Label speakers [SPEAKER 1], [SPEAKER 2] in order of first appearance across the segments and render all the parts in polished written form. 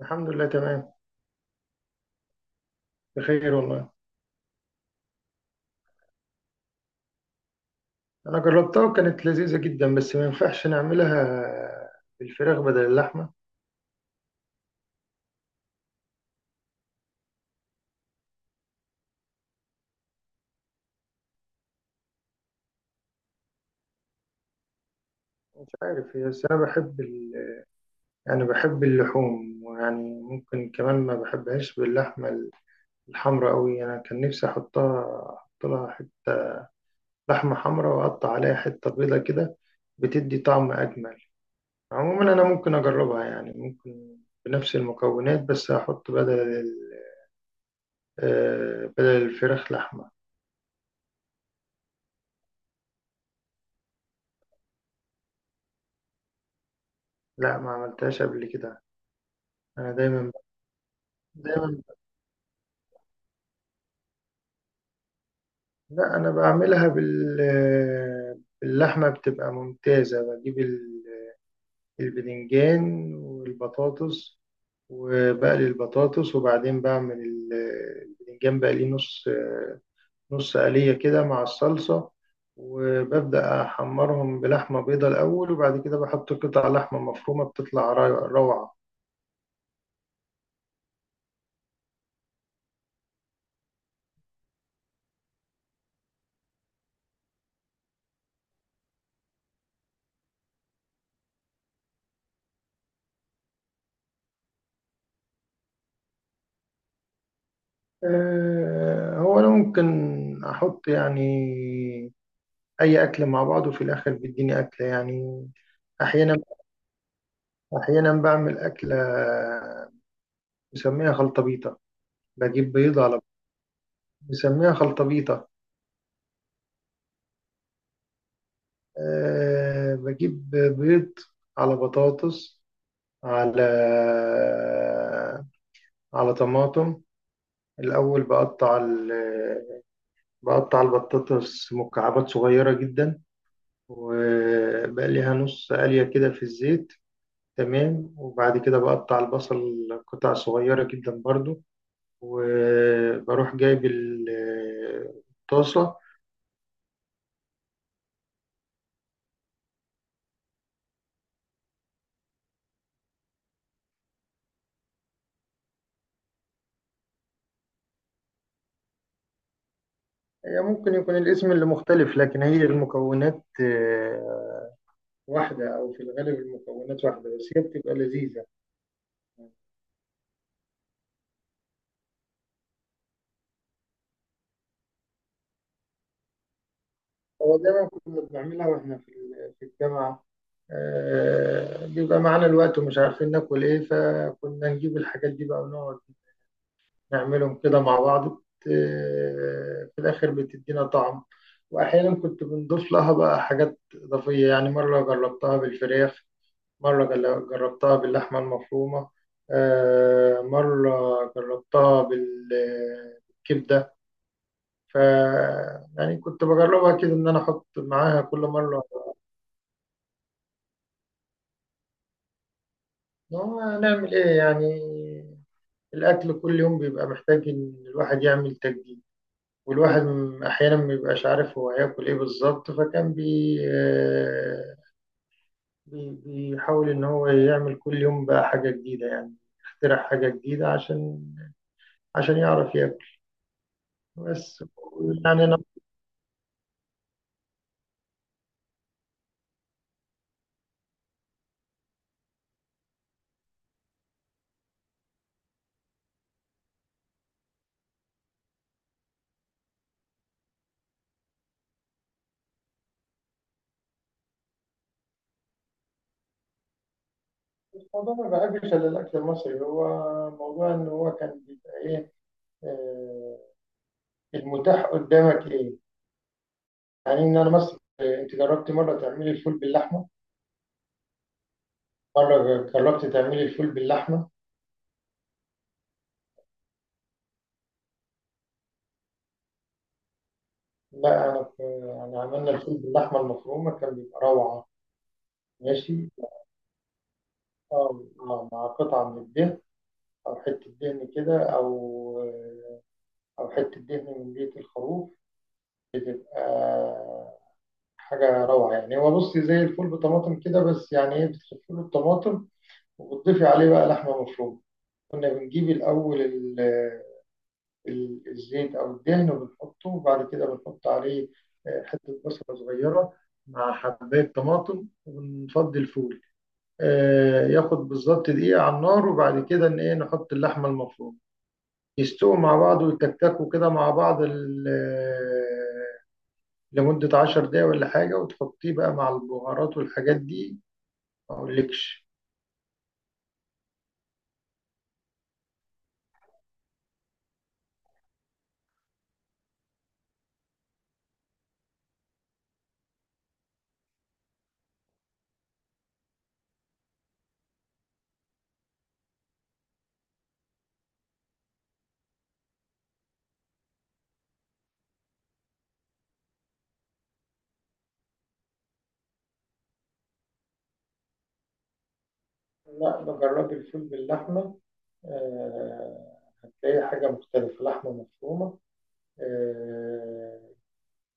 [SPEAKER 1] الحمد لله تمام. بخير والله. انا جربتها وكانت لذيذه جدا، بس ما ينفعش نعملها بالفراخ بدل اللحمه. مش عارف، هي بس انا بحب يعني بحب اللحوم، ويعني ممكن كمان ما بحبهاش باللحمه الحمراء قوي. انا كان نفسي احطها احط لها حته لحمه حمراء، واقطع عليها حته بيضه كده، بتدي طعم اجمل. عموما انا ممكن اجربها، يعني ممكن بنفس المكونات، بس احط بدل ال... آه، بدل الفراخ لحمه. لا ما عملتهاش قبل كده. انا دايما. دايما. لا انا بعملها باللحمه بتبقى ممتازه. بجيب البدنجان والبطاطس، وبقلي البطاطس، وبعدين بعمل البدنجان. بقليه نص قليه كده مع الصلصه. وببدأ أحمرهم بلحمة بيضة الأول، وبعد كده بحط قطع لحمة مفرومة، بتطلع روعة. هو أنا ممكن أحط يعني اي اكل مع بعض، وفي الاخر بيديني اكل يعني. احيانا. بعمل اكله مسميها خلطبيطه. بجيب بيض على. مسميها خلطبيطه. أه بجيب بيض على بطاطس، على طماطم. الاول بقطع بقطع البطاطس مكعبات صغيره جدا، وبقليها نص قليه كده في الزيت. تمام. وبعد كده بقطع البصل قطع صغيرة جدا برضو، وبروح جايب الطاسة. هي ممكن يكون الاسم اللي مختلف، لكن هي المكونات واحدة، أو في الغالب المكونات واحدة، بس هي بتبقى لذيذة. هو دايما كنا بنعملها واحنا في الجامعة. بيبقى معانا الوقت ومش عارفين ناكل ايه، فكنا نجيب الحاجات دي بقى ونقعد نعملهم كده مع بعض في الآخر بتدينا طعم. وأحيانا كنت بنضيف لها بقى حاجات إضافية، يعني مرة جربتها بالفراخ، مرة جربتها باللحمة المفرومة، مرة جربتها بالكبدة. ف يعني كنت بجربها كده، إن أنا أحط معاها كل مرة. هو هنعمل إيه يعني؟ الأكل كل يوم بيبقى محتاج إن الواحد يعمل تجديد، والواحد أحيانا ما بيبقاش عارف هو هياكل إيه بالظبط، فكان بيحاول إن هو يعمل كل يوم بقى حاجة جديدة يعني. يخترع حاجة جديدة عشان يعرف ياكل. بس يعني أنا. الموضوع ما بحبش إلا الأكل المصري، هو موضوع إن هو كان بيبقى إيه، آه، المتاح قدامك إيه. يعني إن أنا مثلا، أنت جربت مرة تعملي الفول باللحمة؟ مرة جربت تعملي الفول باللحمة؟ لا أنا في يعني عملنا الفول باللحمة المفرومة، كان بيبقى روعة. ماشي. مع قطعة من الدهن، أو حتة دهن كده، أو حتة دهن من بيت الخروف. آه، حاجة روعة. يعني هو بصي، زي الفول بطماطم كده، بس يعني إيه، بتخفي له الطماطم، وبتضيفي عليه بقى لحمة مفرومة. كنا بنجيب الأول الزيت أو الدهن، وبنحطه، وبعد كده بنحط عليه حتة بصلة صغيرة مع حباية طماطم، ونفضي الفول. ياخد بالظبط دقيقة على النار، وبعد كده إن إيه نحط اللحمة المفرومة، يستووا مع بعض ويتكتكوا كده مع بعض لمدة 10 دقايق ولا حاجة، وتحطيه بقى مع البهارات والحاجات دي، ما أقولكش. لا بجرب الفول باللحمة، آه، هتلاقي حاجة مختلفة، لحمة مفرومة. آه،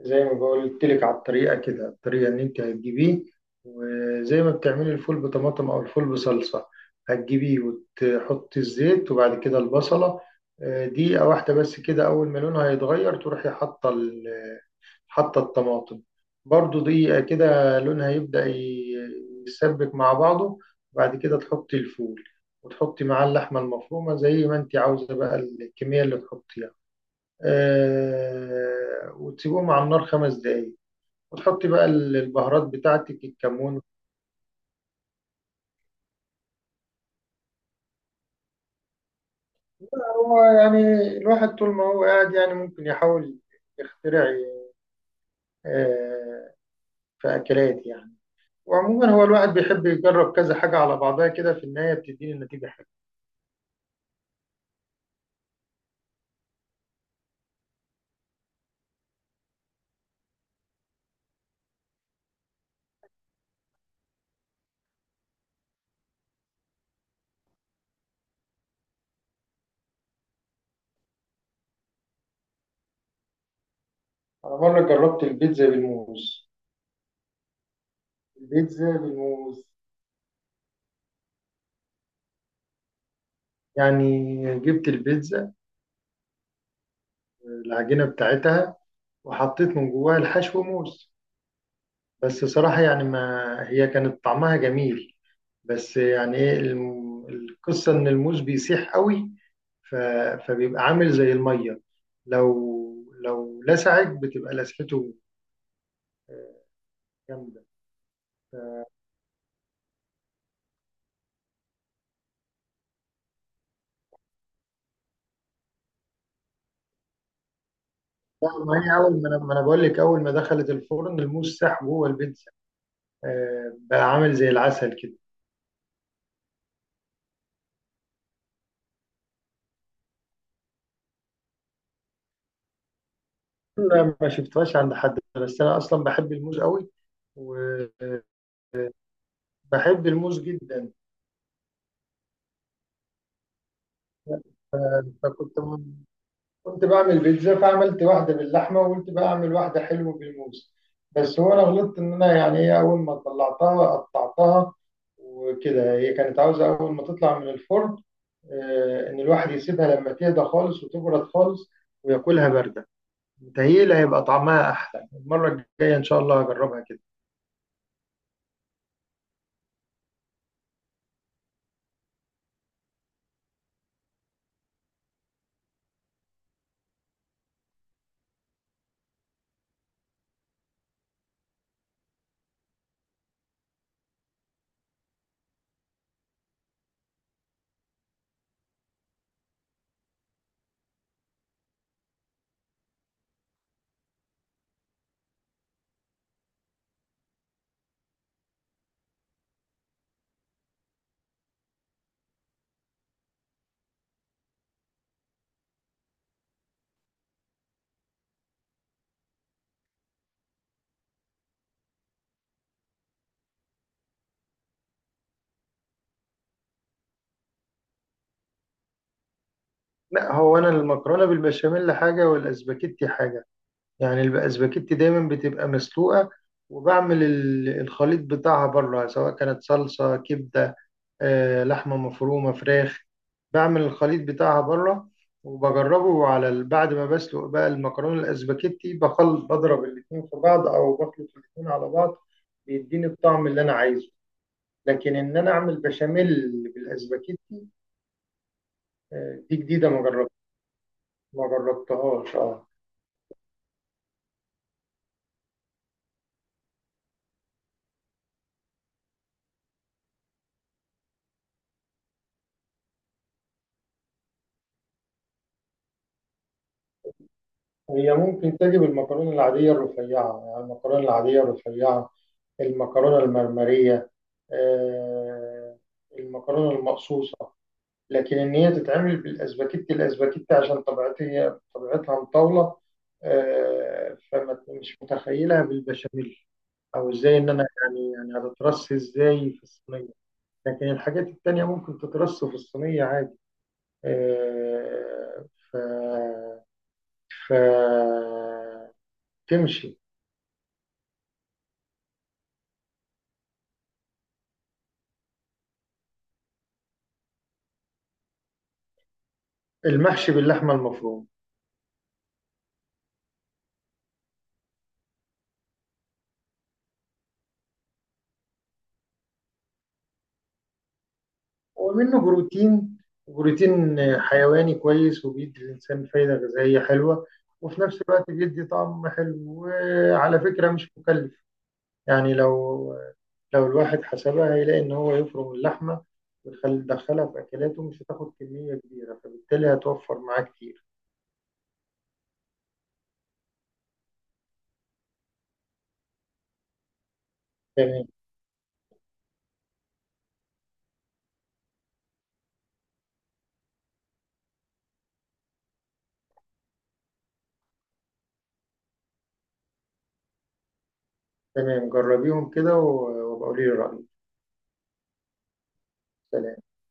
[SPEAKER 1] زي ما قلت لك على الطريقه كده، الطريقه ان انت هتجيبيه، وزي ما بتعملي الفول بطماطم او الفول بصلصه، هتجيبيه وتحطي الزيت، وبعد كده البصله. دقيقه واحده بس كده، اول ما لونها هيتغير تروحي حاطه حاطه الطماطم، برضو دقيقه كده لونها يبدا يسبك مع بعضه. وبعد كده تحطي الفول، وتحطي معاه اللحمه المفرومه زي ما انت عاوزه بقى، الكميه اللي تحطيها. وتسيبهم على النار 5 دقايق، وتحطي بقى البهارات بتاعتك، الكمون. هو يعني الواحد طول ما هو قاعد يعني ممكن يحاول يخترع، آه، في أكلات يعني. وعموما هو الواحد بيحب يجرب كذا حاجة على بعضها كده، في النهاية بتديني النتيجة حلوة. أنا مرة جربت البيتزا بالموز. البيتزا بالموز. يعني جبت البيتزا، العجينة بتاعتها، وحطيت من جواها الحشو موز. بس صراحة يعني ما هي كانت طعمها جميل، بس يعني ايه، القصة ان الموز بيسيح قوي. ف... فبيبقى عامل زي المية. لو لسعت بتبقى لسعته جامدة. ما هي اول ما انا ما أنا بقول لك، اول ما دخلت الفرن الموز ساح جوه البيتزا، بقى عامل زي العسل كده. لا ما شفتهاش عند حد، بس انا اصلا بحب الموز قوي، وبحب الموز جدا. فكنت بعمل بيتزا، فعملت واحدة باللحمة، وقلت بقى أعمل واحدة حلوة بالموز. بس هو أنا غلطت، إن أنا يعني إيه أول ما طلعتها قطعتها، وكده هي كانت عاوزة أول ما تطلع من الفرن إن الواحد يسيبها لما تهدى خالص وتبرد خالص وياكلها باردة. متهيألي هيبقى طعمها أحلى، المرة الجاية إن شاء الله هجربها كده. لا هو أنا المكرونة بالبشاميل حاجة، والأسباجيتي حاجة. يعني الاسباجيتي دايما بتبقى مسلوقه، وبعمل الخليط بتاعها بره، سواء كانت صلصه، كبده، لحمه مفرومه، فراخ. بعمل الخليط بتاعها بره، وبجربه على بعد ما بسلق بقى المكرونه الاسباجيتي، بضرب الاتنين في بعض، او بخلط الاتنين على بعض، بيديني الطعم اللي انا عايزه. لكن ان انا اعمل بشاميل بالاسباجيتي، دي جديده ما جربت. ما جربتهاش اه. هي ممكن تجيب المكرونة العادية الرفيعة، يعني المكرونة العادية الرفيعة، المكرونة المرمرية، آه، المكرونة المقصوصة. لكن إن هي تتعمل بالأسباجيتي، الأسباجيتي عشان طبيعتها، هي طبيعتها مطاولة، فما مش متخيلها بالبشاميل، أو إزاي إن أنا يعني هتترص إزاي في الصينية؟ لكن الحاجات التانية ممكن تترص في الصينية عادي. آه، ف ف تمشي. المحشي باللحمة المفرومة. ومنه بروتين حيواني كويس، وبيدي الإنسان فايدة غذائية حلوة، وفي نفس الوقت بيدي طعم حلو، وعلى فكرة مش مكلف. يعني لو الواحد حسبها، هيلاقي إن هو يفرم اللحمة ويدخلها في أكلاته، مش هتاخد كمية كبيرة، فبالتالي هتوفر معاه كتير. تمام. تمام جربيهم كده وبقولي لي رأيك. سلام.